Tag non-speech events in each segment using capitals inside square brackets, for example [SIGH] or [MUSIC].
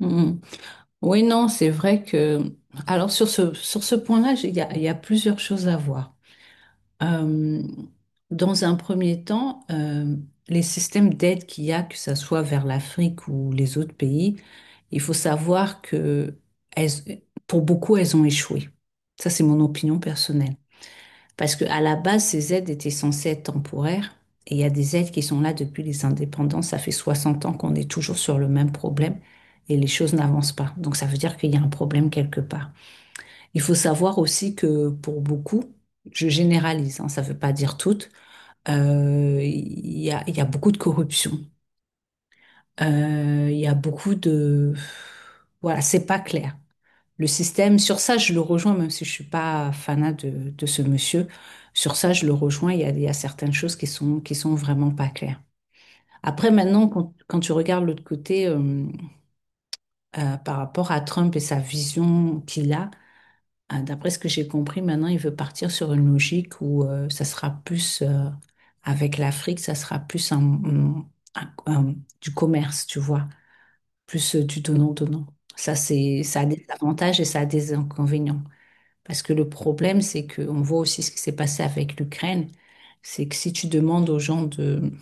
Mm. Oui, non, c'est vrai que. Alors sur ce point-là, il y a plusieurs choses à voir. Euh, Dans un premier temps, les systèmes d'aide qu'il y a, que ce soit vers l'Afrique ou les autres pays, il faut savoir que pour beaucoup, elles ont échoué. Ça, c'est mon opinion personnelle. Parce que à la base, ces aides étaient censées être temporaires. Et il y a des aides qui sont là depuis les indépendances. Ça fait 60 ans qu'on est toujours sur le même problème et les choses n'avancent pas. Donc ça veut dire qu'il y a un problème quelque part. Il faut savoir aussi que pour beaucoup, je généralise, hein, ça ne veut pas dire toutes. Il y a beaucoup de corruption. Il y a beaucoup de. Voilà, c'est pas clair le système. Sur ça, je le rejoins, même si je suis pas fanat de ce monsieur. Sur ça, je le rejoins. Il y a certaines choses qui sont vraiment pas claires. Après, maintenant, quand tu regardes l'autre côté, par rapport à Trump et sa vision qu'il a, d'après ce que j'ai compris, maintenant, il veut partir sur une logique où ça sera plus, avec l'Afrique, ça sera plus un- un- du commerce, tu vois, plus du donnant-donnant. Ça, ça a des avantages et ça a des inconvénients. Parce que le problème, c'est que on voit aussi ce qui s'est passé avec l'Ukraine, c'est que si tu demandes aux gens de,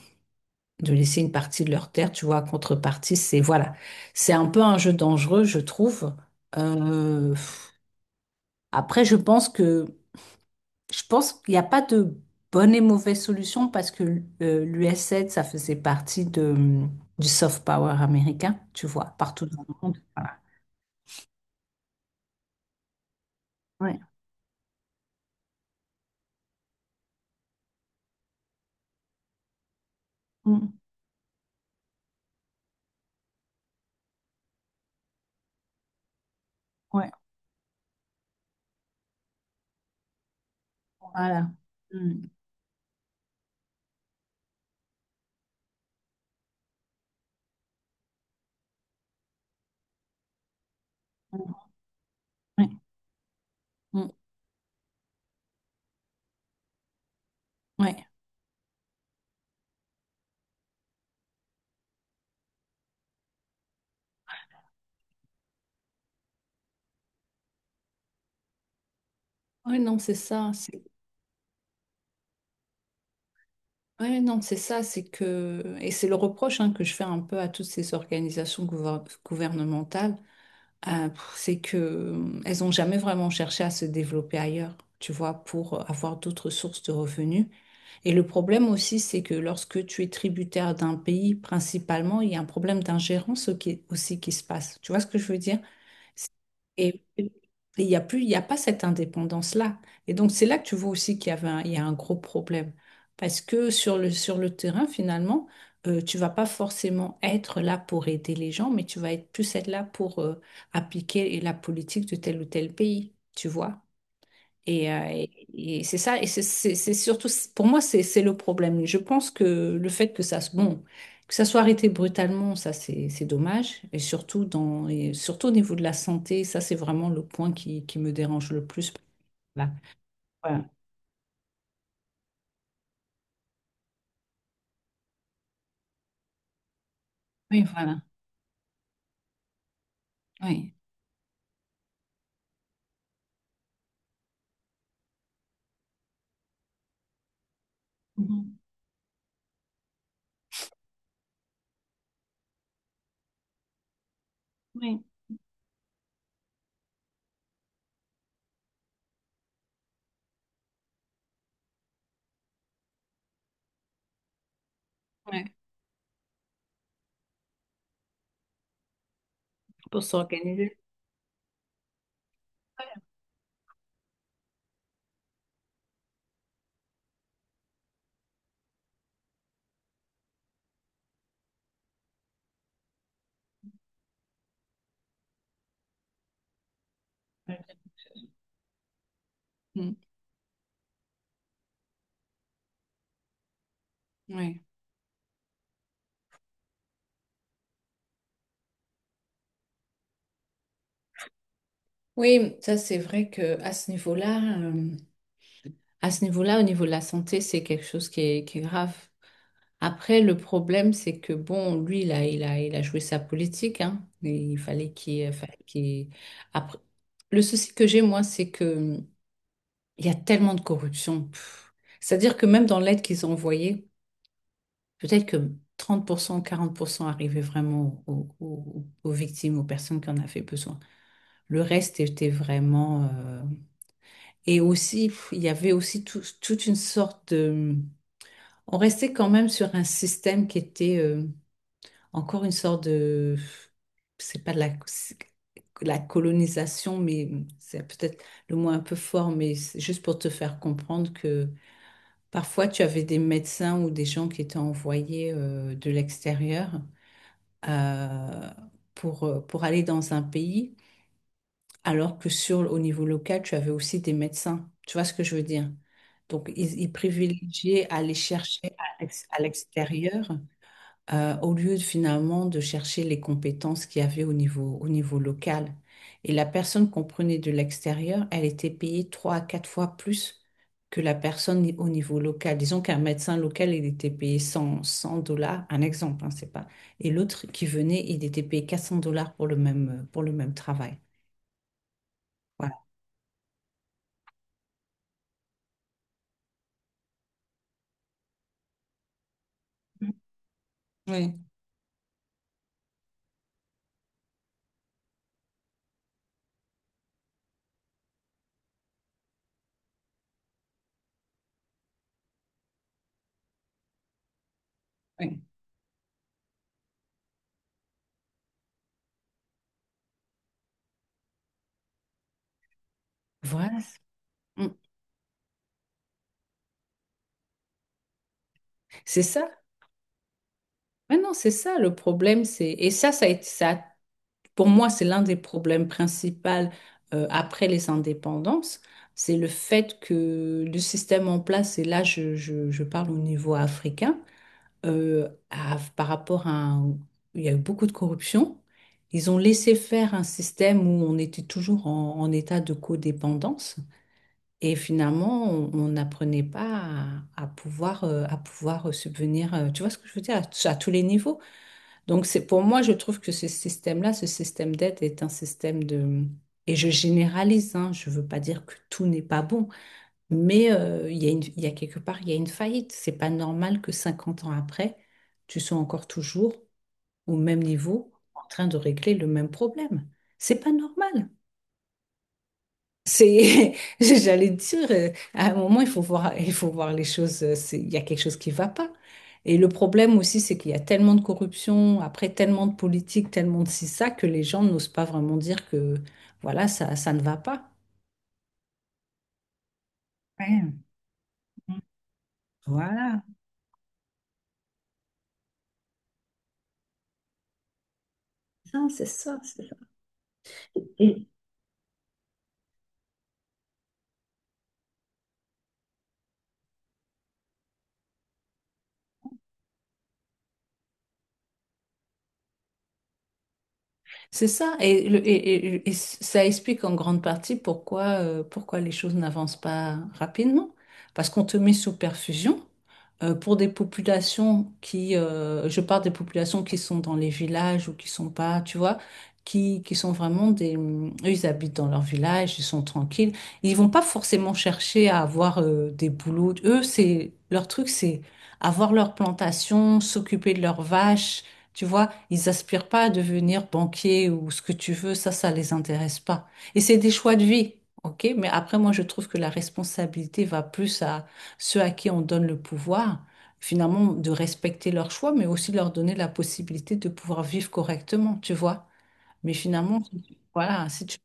de laisser une partie de leur terre, tu vois, en contrepartie, c'est voilà, c'est un peu un jeu dangereux, je trouve. Euh, Après, je pense qu'il n'y a pas de bonne et mauvaise solution parce que l'USAID, ça faisait partie du soft power américain, tu vois, partout dans le monde. Voilà. Ouais. Mm. Ouais. Voilà. Mm. Mm. Ouais. Mm. Ouais. Ouais, non, c'est ça. Ouais, non, c'est ça. C'est que. Et c'est le reproche, hein, que je fais un peu à toutes ces organisations gouvernementales. C'est que elles n'ont jamais vraiment cherché à se développer ailleurs, tu vois, pour avoir d'autres sources de revenus. Et le problème aussi, c'est que lorsque tu es tributaire d'un pays, principalement, il y a un problème d'ingérence aussi qui se passe. Tu vois ce que je veux dire? Et il n'y a plus, il y a pas cette indépendance-là. Et donc, c'est là que tu vois aussi qu'il y avait un, il y a un gros problème. Parce que sur le terrain, finalement, tu vas pas forcément être là pour aider les gens, mais tu vas être plus être là pour appliquer la politique de tel ou tel pays, tu vois. Et c'est ça, c'est surtout, pour moi, c'est le problème. Je pense que le fait que que ça soit arrêté brutalement, ça, c'est dommage. Et surtout, et surtout au niveau de la santé, ça, c'est vraiment le point qui me dérange le plus. Voilà. Voilà. Oui, voilà. Oui. Mhm. Oui. Ouais. Pour s'organiser. Ouais. Mm. Ouais. Oui, ça c'est vrai que à ce niveau-là, au niveau de la santé, c'est quelque chose qui est grave. Après, le problème, c'est que bon, lui, il a joué sa politique, hein. Et il fallait qu'il- Après, le souci que j'ai, moi, c'est que il y a tellement de corruption. Pff. C'est-à-dire que même dans l'aide qu'ils ont envoyée, peut-être que 30%, 40% arrivait vraiment aux victimes, aux personnes qui en avaient besoin. Le reste était vraiment. Et aussi, il y avait aussi toute une sorte de. On restait quand même sur un système qui était. Encore une sorte de, c'est pas de la, c'est la colonisation, mais c'est peut-être le mot un peu fort, mais c'est juste pour te faire comprendre que parfois tu avais des médecins ou des gens qui étaient envoyés de l'extérieur euh, pour aller dans un pays, alors que au niveau local, tu avais aussi des médecins. Tu vois ce que je veux dire? Donc, ils privilégiaient aller chercher à l'extérieur au lieu de, finalement de chercher les compétences qu'il y avait au niveau local. Et la personne qu'on prenait de l'extérieur, elle était payée 3 à 4 fois plus que la personne au niveau local. Disons qu'un médecin local, il était payé 100, 100 dollars, un exemple, hein, c'est pas. Et l'autre qui venait, il était payé 400 dollars pour pour le même travail. Voilà. Oui, oui. Voilà. Mm. C'est ça. Mais non, c'est ça le problème. C'est. Et ça a été ça. Pour moi, c'est l'un des problèmes principaux après les indépendances. C'est le fait que le système en place, et là je parle au niveau africain, a- par rapport à... un- il y a eu beaucoup de corruption. Ils ont laissé faire un système où on était toujours en état de codépendance. Et finalement, on n'apprenait pas à pouvoir, à pouvoir subvenir, tu vois ce que je veux dire, à tous les niveaux. Donc, c'est pour moi, je trouve que ce système-là, ce système d'aide est un système de. Et je généralise, hein, je ne veux pas dire que tout n'est pas bon, mais il y a quelque part, il y a une faillite. C'est pas normal que 50 ans après, tu sois encore toujours au même niveau en train de régler le même problème. C'est pas normal. C'est, [LAUGHS] j'allais dire, à un moment, il faut voir les choses, il y a quelque chose qui va pas. Et le problème aussi, c'est qu'il y a tellement de corruption, après tellement de politique, tellement de ci, ça, que les gens n'osent pas vraiment dire que, voilà, ça ne va pas. Ouais. Voilà. Non, c'est ça, c'est ça. C'est ça, et ça explique en grande partie pourquoi, pourquoi les choses n'avancent pas rapidement. Parce qu'on te met sous perfusion pour des populations je parle des populations qui sont dans les villages ou qui sont pas, tu vois, qui sont vraiment des. Eux, ils habitent dans leur village, ils sont tranquilles. Ils vont pas forcément chercher à avoir des boulots. Eux, c'est leur truc, c'est avoir leur plantation, s'occuper de leurs vaches, tu vois, ils aspirent pas à devenir banquier ou ce que tu veux, ça les intéresse pas. Et c'est des choix de vie, ok? Mais après, moi, je trouve que la responsabilité va plus à ceux à qui on donne le pouvoir, finalement, de respecter leurs choix, mais aussi de leur donner la possibilité de pouvoir vivre correctement, tu vois? Mais finalement, voilà, si tu.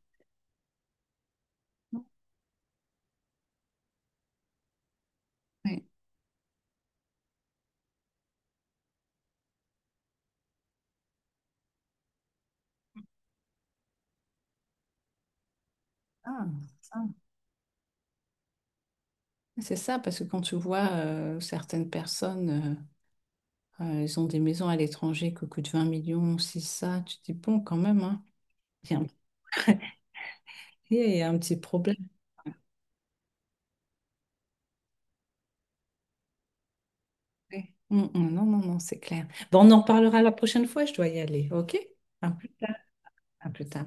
Ouais. Ah, ah. C'est ça, parce que quand tu vois certaines personnes, ils ont des maisons à l'étranger qui coûtent 20 millions, si ça, tu te dis, bon, quand même, hein. Il y a un petit problème. Ouais. Mm, mm, non, non, non, c'est clair. Bon, on en parlera la prochaine fois, je dois y aller, ok? À plus tard. À plus tard.